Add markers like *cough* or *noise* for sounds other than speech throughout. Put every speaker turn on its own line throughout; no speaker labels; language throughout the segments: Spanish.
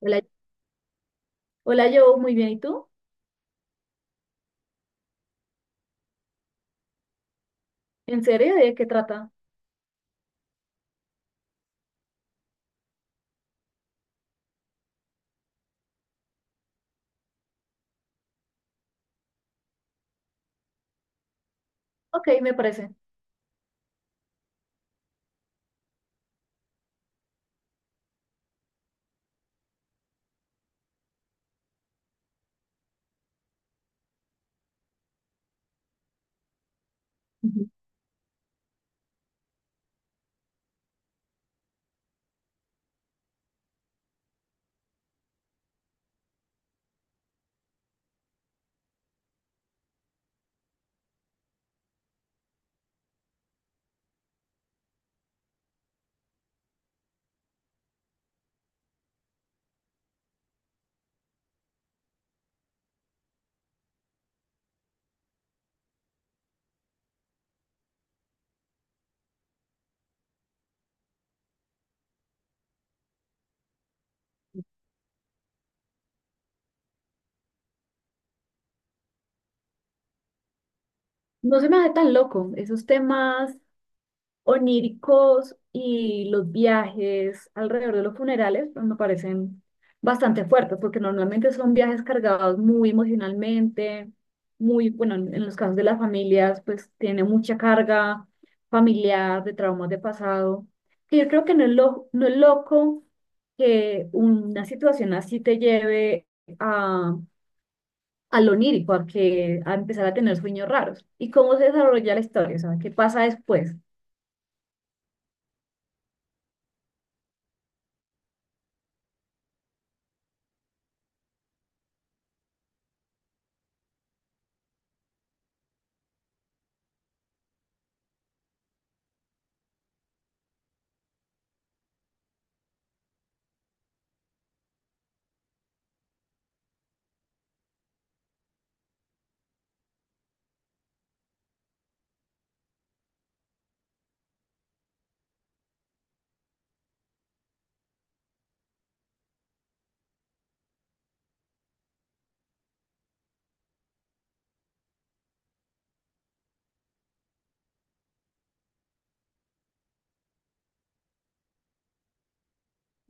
Hola, hola, yo muy bien. ¿Y tú? ¿En serio? ¿De qué trata? Ok, me parece. Ujú. No se me hace tan loco. Esos temas oníricos y los viajes alrededor de los funerales pues, me parecen bastante fuertes, porque normalmente son viajes cargados muy emocionalmente, muy, bueno, en los casos de las familias, pues tiene mucha carga familiar, de traumas de pasado, que yo creo que no es loco que una situación así te lleve a... a lo onírico, a empezar a tener sueños raros. ¿Y cómo se desarrolla la historia? O sea, ¿qué pasa después?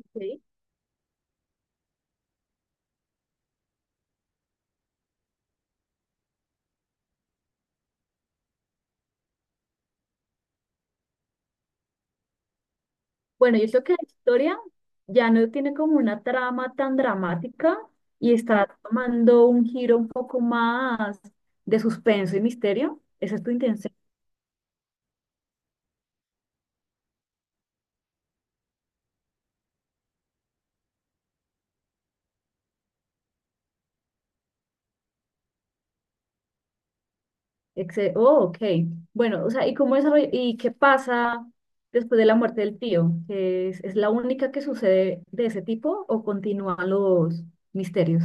Ok. Bueno, yo creo que la historia ya no tiene como una trama tan dramática y está tomando un giro un poco más de suspenso y misterio. Esa es tu intención. Oh, ok. Bueno, o sea, ¿y qué pasa después de la muerte del tío? ¿Es la única que sucede de ese tipo o continúan los misterios?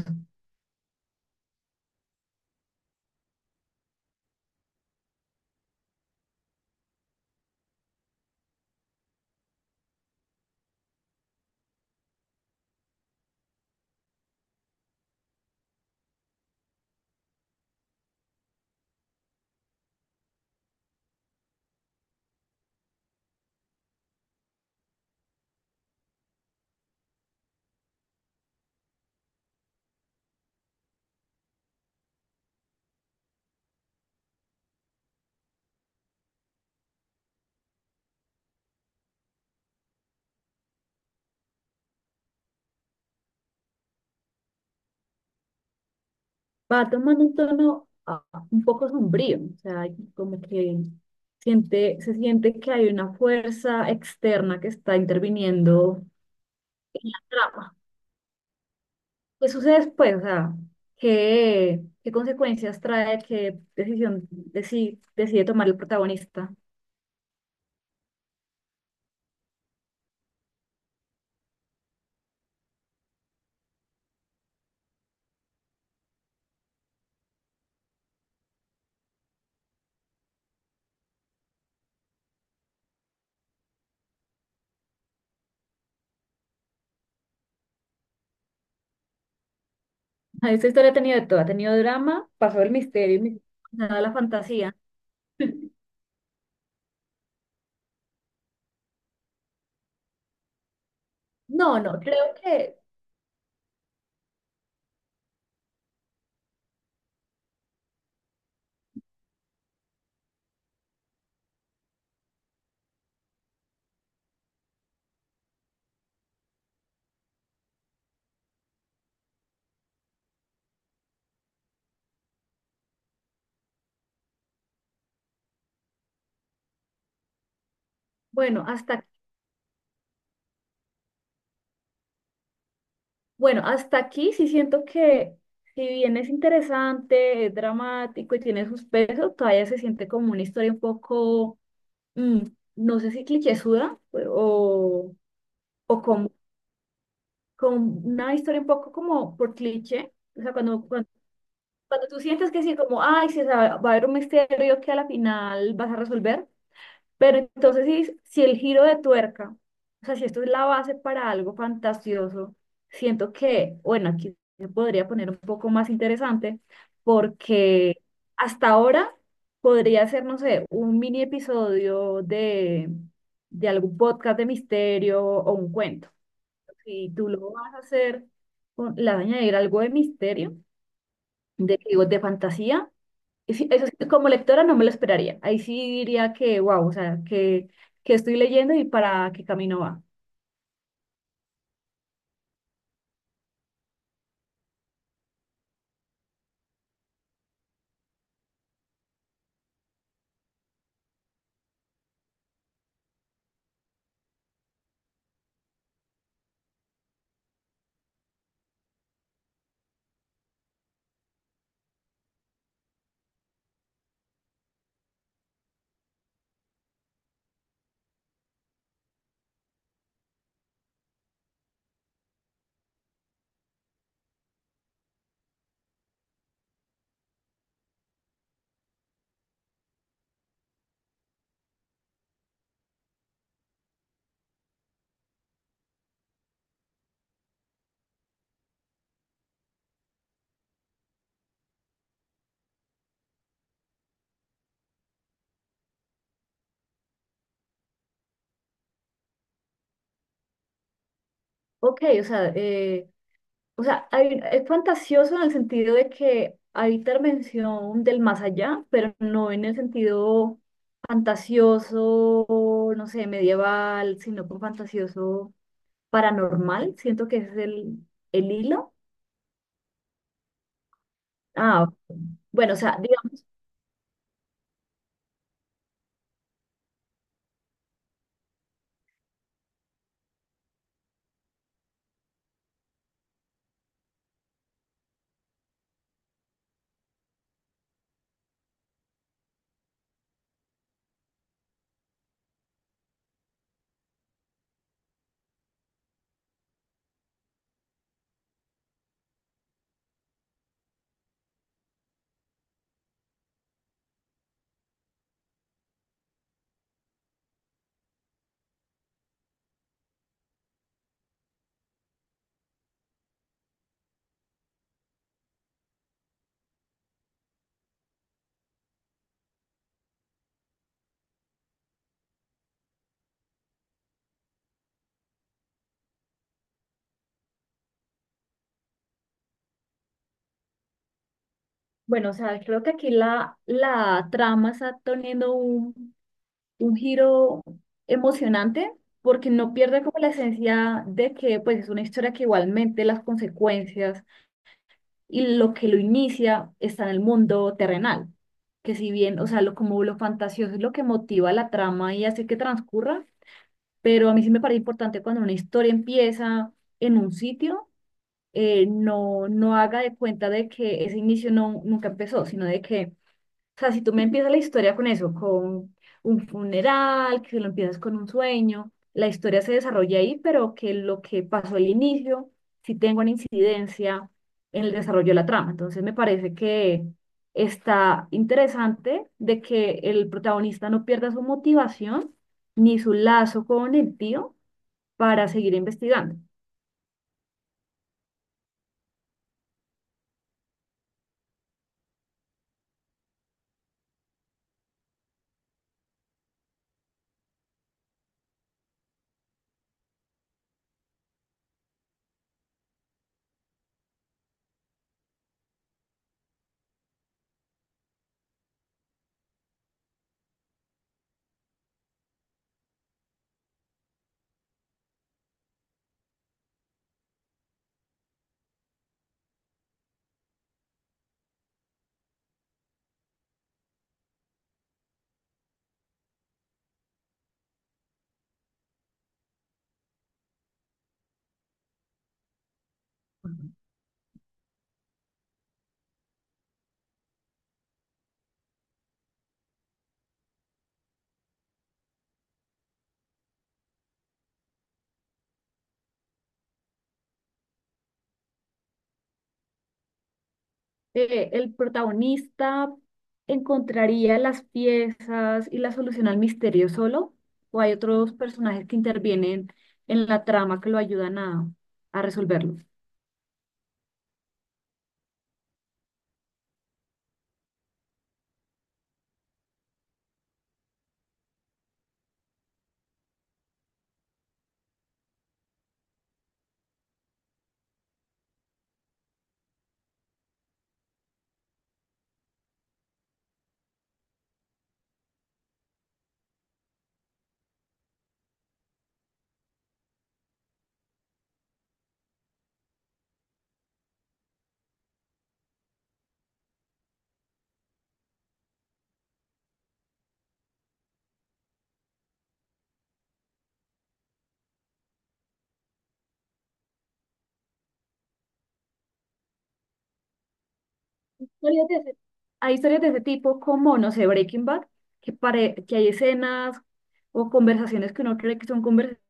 Va tomando un tono un poco sombrío, o sea, como que se siente que hay una fuerza externa que está interviniendo en la trama. ¿Qué sucede después? O sea, ¿qué consecuencias trae, decide tomar el protagonista? *laughs* Ah, esta historia ha tenido de todo, ha tenido drama, pasó el misterio, nada la fantasía. *laughs* No, no, creo que, bueno, hasta Bueno, hasta aquí sí siento que si bien es interesante, es dramático y tiene sus pesos, todavía se siente como una historia un poco, mm, no sé si clichésuda o con una historia un poco como por cliché. O sea, cuando tú sientes que sí, como, ay, sí, o sea, va a haber un misterio que a la final vas a resolver, pero entonces, si el giro de tuerca, o sea, si esto es la base para algo fantasioso, siento que, bueno, aquí se podría poner un poco más interesante, porque hasta ahora podría ser, no sé, un mini episodio de algún podcast de misterio o un cuento. Si tú lo vas a hacer, le vas a añadir algo de misterio, de, digo, de fantasía, y sí, eso sí, como lectora no me lo esperaría. Ahí sí diría que, wow, o sea, que estoy leyendo y para qué camino va. Ok, o sea, es fantasioso en el sentido de que hay intervención del más allá, pero no en el sentido fantasioso, no sé, medieval, sino con fantasioso paranormal. Siento que ese es el hilo. Ah, bueno, o sea, digamos, bueno, o sea, creo que aquí la trama está teniendo un giro emocionante porque no pierde como la esencia de que pues es una historia que igualmente las consecuencias y lo que lo inicia está en el mundo terrenal, que si bien, o sea, lo como lo fantasioso es lo que motiva la trama y hace que transcurra, pero a mí sí me parece importante cuando una historia empieza en un sitio, no haga de cuenta de que ese inicio nunca empezó, sino de que o sea, si tú me empiezas la historia con eso, con un funeral, que lo empiezas con un sueño, la historia se desarrolla ahí, pero que lo que pasó al inicio sí tenga una incidencia en el desarrollo de la trama. Entonces me parece que está interesante de que el protagonista no pierda su motivación ni su lazo con el tío para seguir investigando. Eh, el protagonista encontraría las piezas y la solución al misterio solo, o hay otros personajes que intervienen en la trama que lo ayudan a resolverlo. Historias de ese- Hay historias de ese tipo como, no sé, Breaking Bad, que, que hay escenas o conversaciones que uno cree que son conversaciones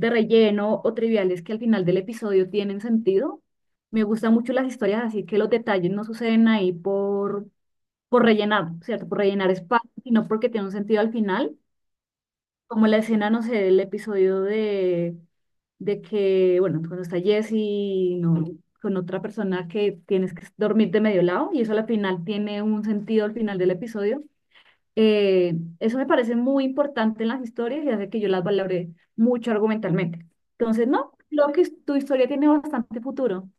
de relleno o triviales que al final del episodio tienen sentido. Me gustan mucho las historias, así que los detalles no suceden ahí por rellenar, ¿cierto? Por rellenar espacio, sino porque tiene un sentido al final, como la escena, no sé, del episodio de que, bueno, cuando está Jesse, no, con otra persona que tienes que dormir de medio lado, y eso al final tiene un sentido al final del episodio. Eso me parece muy importante en las historias y hace que yo las valore mucho argumentalmente. Entonces, no, tu historia tiene bastante futuro.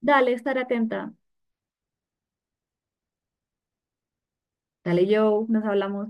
Dale, estar atenta. Dale, yo, nos hablamos.